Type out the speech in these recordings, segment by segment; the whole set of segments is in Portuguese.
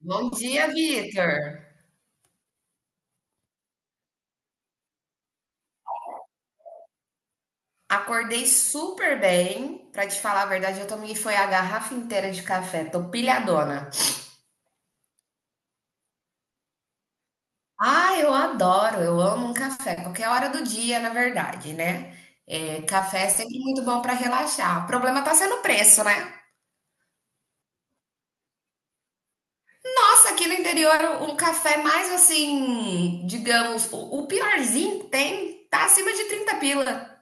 Bom dia, Vitor. Acordei super bem. Pra te falar a verdade, eu tomei foi a garrafa inteira de café. Tô pilhadona. Ah, eu adoro, eu amo um café, qualquer hora do dia, na verdade, né? É, café é sempre muito bom pra relaxar. O problema tá sendo o preço, né? Nossa, aqui no interior, um café mais assim, digamos, o piorzinho que tem, tá acima de 30 pila.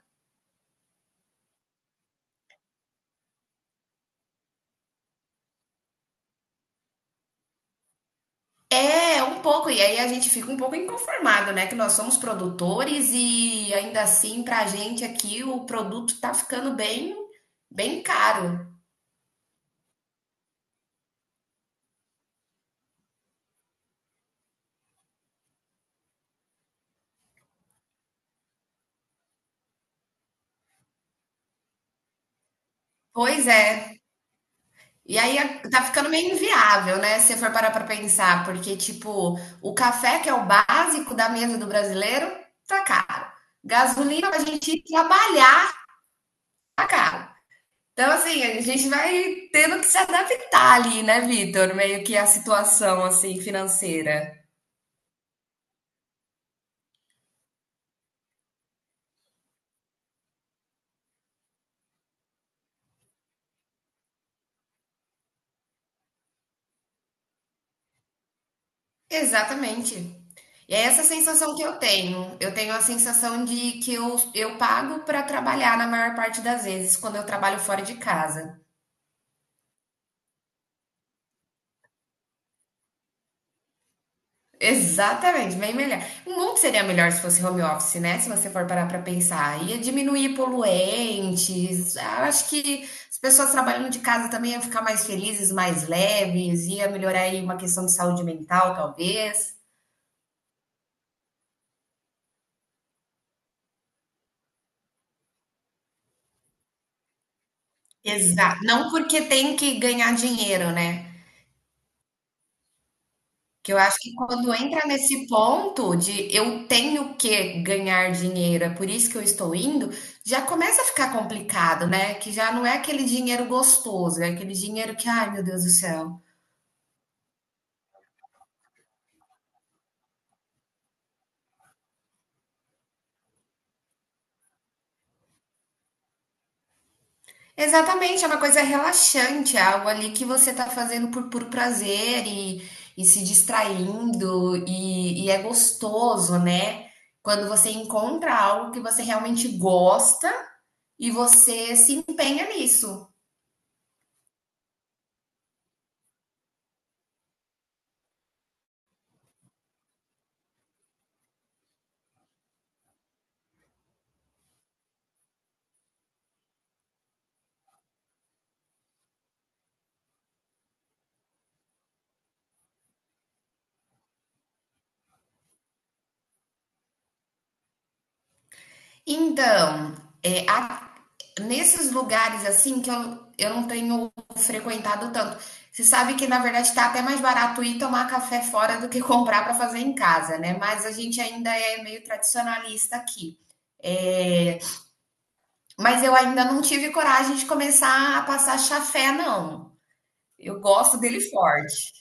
É, um pouco, e aí a gente fica um pouco inconformado, né? Que nós somos produtores e ainda assim, pra gente aqui, o produto tá ficando bem caro. Pois é. E aí tá ficando meio inviável, né? Se você for parar pra pensar, porque, tipo, o café, que é o básico da mesa do brasileiro, tá caro. Gasolina pra gente ir trabalhar, tá caro. Então, assim, a gente vai tendo que se adaptar ali, né, Vitor? Meio que a situação, assim, financeira. Exatamente. E é essa sensação que eu tenho. Eu tenho a sensação de que eu pago para trabalhar na maior parte das vezes quando eu trabalho fora de casa. Exatamente, bem melhor. O mundo seria melhor se fosse home office, né? Se você for parar para pensar. Ia diminuir poluentes. Ah, acho que as pessoas trabalhando de casa também iam ficar mais felizes, mais leves. Ia melhorar aí uma questão de saúde mental, talvez. Exato. Não porque tem que ganhar dinheiro, né? Que eu acho que quando entra nesse ponto de eu tenho que ganhar dinheiro, é por isso que eu estou indo, já começa a ficar complicado, né? Que já não é aquele dinheiro gostoso, é aquele dinheiro que, ai meu Deus do céu. Exatamente, é uma coisa relaxante, é algo ali que você está fazendo por puro prazer e se distraindo, e é gostoso, né? Quando você encontra algo que você realmente gosta e você se empenha nisso. Então, é, a- nesses lugares assim que eu não tenho frequentado tanto, você sabe que na verdade está até mais barato ir tomar café fora do que comprar para fazer em casa, né? Mas a gente ainda é meio tradicionalista aqui. É, mas eu ainda não tive coragem de começar a passar chafé, não. Eu gosto dele forte.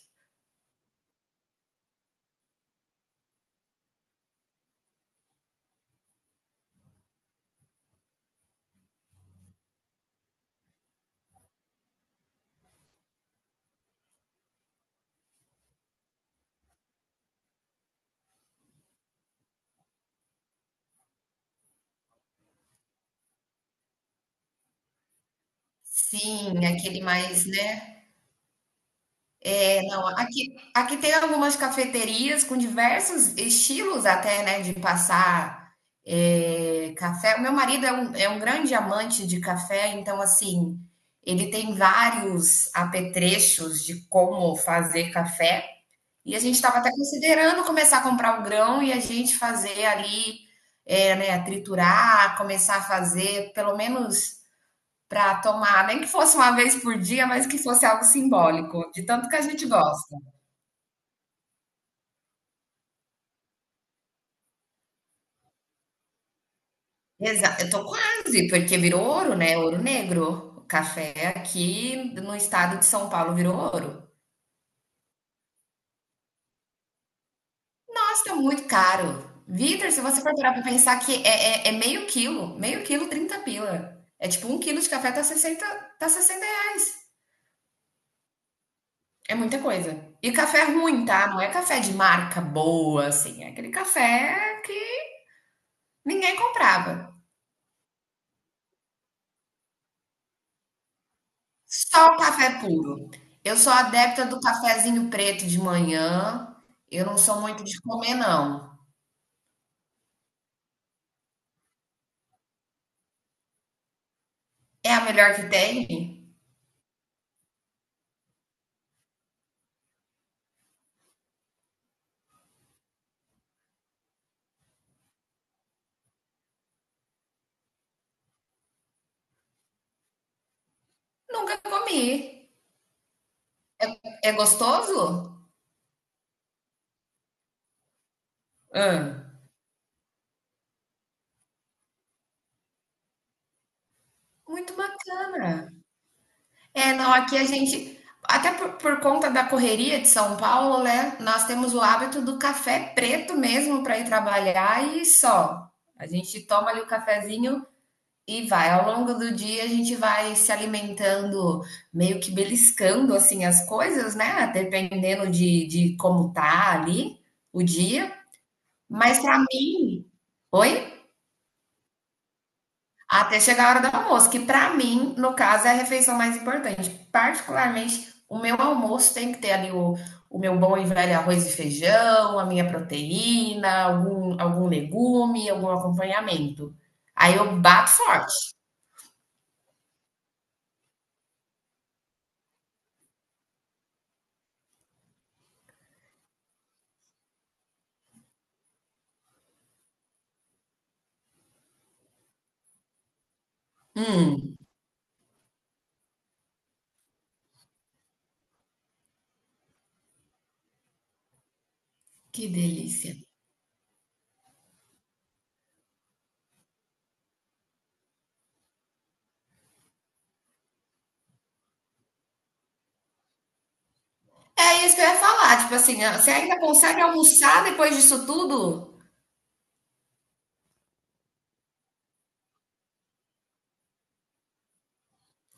Sim, aquele mais, né? Não, aqui tem algumas cafeterias com diversos estilos até, né, de passar café. O meu marido é um grande amante de café, então, assim, ele tem vários apetrechos de como fazer café. E a gente estava até considerando começar a comprar o grão e a gente fazer ali, né, triturar, começar a fazer, pelo menos para tomar, nem que fosse uma vez por dia, mas que fosse algo simbólico, de tanto que a gente gosta. Exa Eu tô quase, porque virou ouro, né, ouro negro. O café aqui no estado de São Paulo virou ouro. Nossa, tá muito caro. Vitor, se você for parar pra pensar que é meio quilo, 30 pila. É tipo um quilo de café tá sessenta reais. É muita coisa. E café ruim, tá? Não é café de marca boa, assim, é aquele café que ninguém comprava. Só o café puro. Eu sou adepta do cafezinho preto de manhã. Eu não sou muito de comer, não. É a melhor que tem? Nunca comi. É gostoso? Hã. Muito bacana. É, não, aqui a gente, até por conta da correria de São Paulo, né? Nós temos o hábito do café preto mesmo para ir trabalhar e só. A gente toma ali o cafezinho e vai, ao longo do dia a gente vai se alimentando, meio que beliscando assim as coisas, né? Dependendo de como tá ali o dia. Mas para mim, oi? Até chegar a hora do almoço, que para mim, no caso, é a refeição mais importante. Particularmente, o meu almoço tem que ter ali o meu bom e velho arroz e feijão, a minha proteína, algum legume, algum acompanhamento. Aí eu bato forte. Hum, que delícia. É isso que eu ia falar, tipo assim, ah, você ainda consegue almoçar depois disso tudo?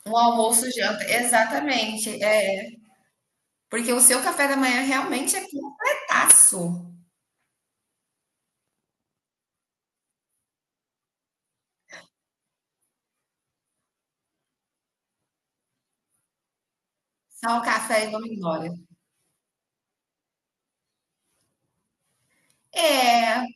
Um almoço, janta, exatamente, é. Porque o seu café da manhã realmente é completaço. Só o café e vamos embora. É,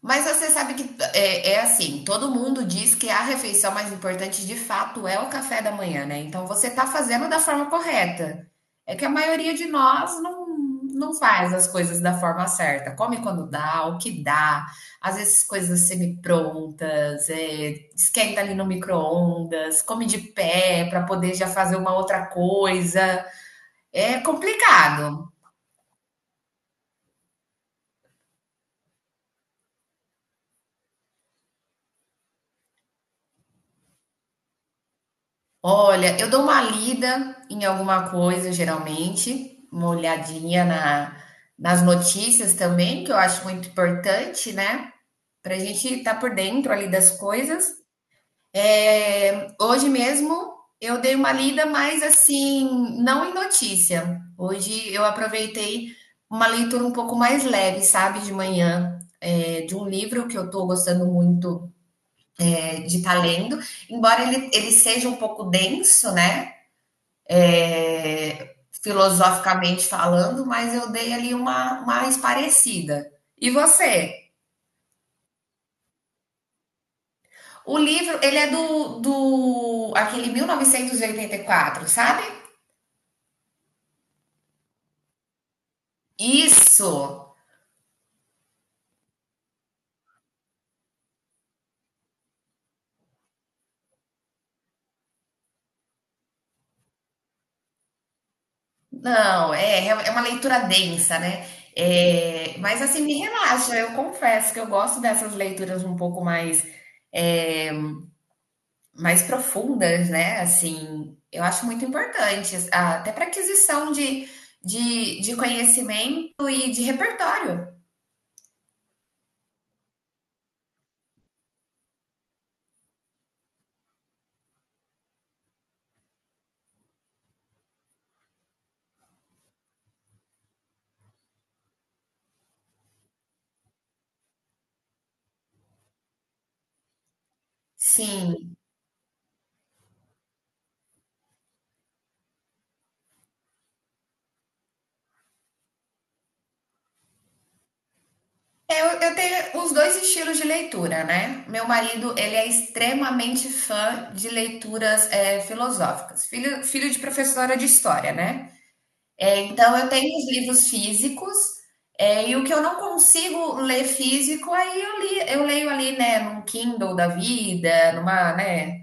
mas você sabe que é, assim, todo mundo diz que a refeição mais importante de fato é o café da manhã, né? Então você tá fazendo da forma correta. É que a maioria de nós não faz as coisas da forma certa. Come quando dá, o que dá. Às vezes coisas semi-prontas, esquenta ali no micro-ondas, come de pé para poder já fazer uma outra coisa. É complicado. Olha, eu dou uma lida em alguma coisa, geralmente, uma olhadinha nas notícias também, que eu acho muito importante, né? Para a gente estar por dentro ali das coisas. É, hoje mesmo eu dei uma lida, mas assim, não em notícia. Hoje eu aproveitei uma leitura um pouco mais leve, sabe, de manhã, de um livro que eu estou gostando muito, de estar lendo, embora ele seja um pouco denso, né? é, Filosoficamente falando, mas eu dei ali uma mais parecida. E você? O livro, ele é do, aquele 1984, sabe? Isso! Não, é uma leitura densa, né? É, mas assim, me relaxa, eu confesso que eu gosto dessas leituras um pouco mais é, mais profundas, né, assim, eu acho muito importante, a até pra aquisição de conhecimento e de repertório. Sim. É, Eu tenho os dois estilos de leitura, né. Meu marido, ele é extremamente fã de leituras, filosóficas, filho de professora de história, né. Então eu tenho os livros físicos, e o que eu não consigo ler físico, aí eu leio ali, né, num Kindle da vida, né,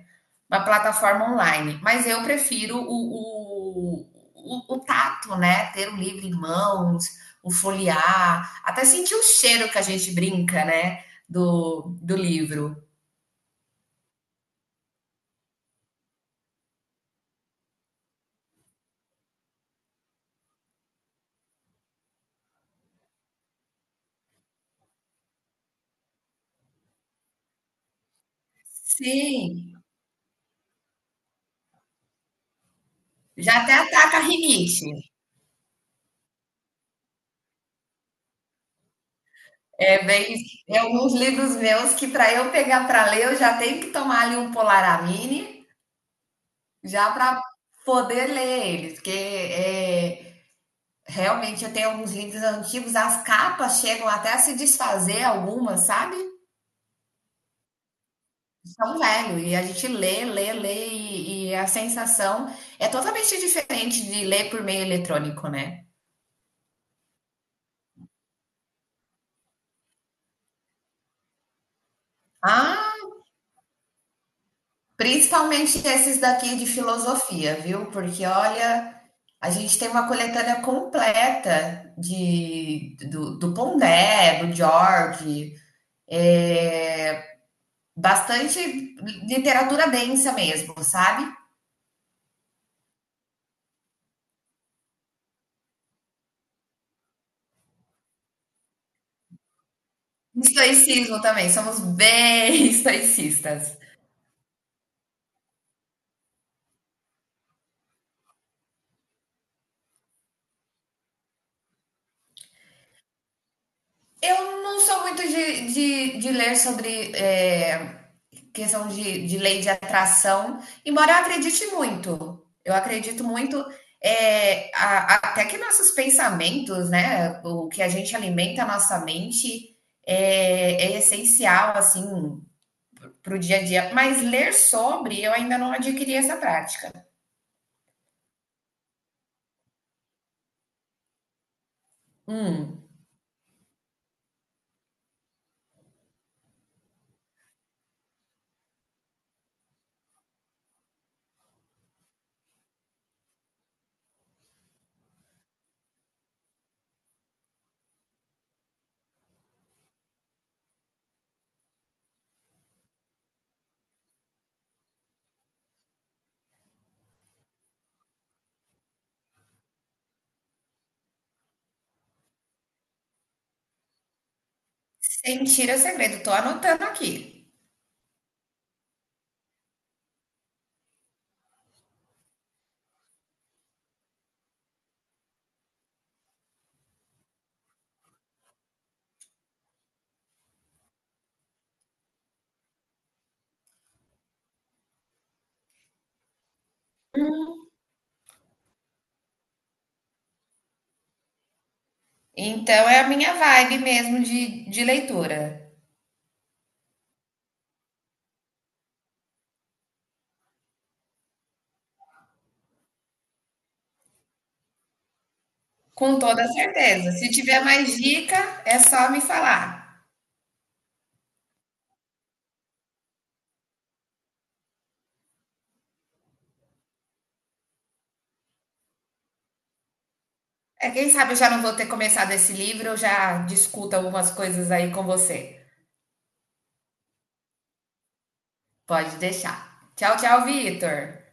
uma plataforma online. Mas eu prefiro o, o, o, o, tato, né? Ter o livro em mãos, o folhear, até sentir o cheiro que a gente brinca, né? Do livro. Sim, já até ataca a rinite. É bem, tem alguns livros meus que para eu pegar para ler, eu já tenho que tomar ali um Polaramine, já para poder ler eles, porque realmente, eu tenho alguns livros antigos, as capas chegam até a se desfazer algumas, sabe? São velho, e a gente lê, lê, lê, e a sensação é totalmente diferente de ler por meio eletrônico, né? Ah, principalmente esses daqui de filosofia, viu? Porque olha, a gente tem uma coletânea completa do Pondé, do George, é, bastante literatura densa mesmo, sabe? Estoicismo também, somos bem estoicistas. Eu não sou muito de ler sobre questão de lei de atração, embora eu acredite muito. Eu acredito muito até que nossos pensamentos, né, o que a gente alimenta a nossa mente é, essencial, assim, para o dia a dia. Mas ler sobre, eu ainda não adquiri essa prática. Hum, Sem é segredo, tô anotando aqui. Então é a minha vibe mesmo de leitura, com toda certeza. Se tiver mais dica, é só me falar. É, quem sabe eu já não vou ter começado esse livro, eu já discuto algumas coisas aí com você. Pode deixar. Tchau, tchau, Vitor.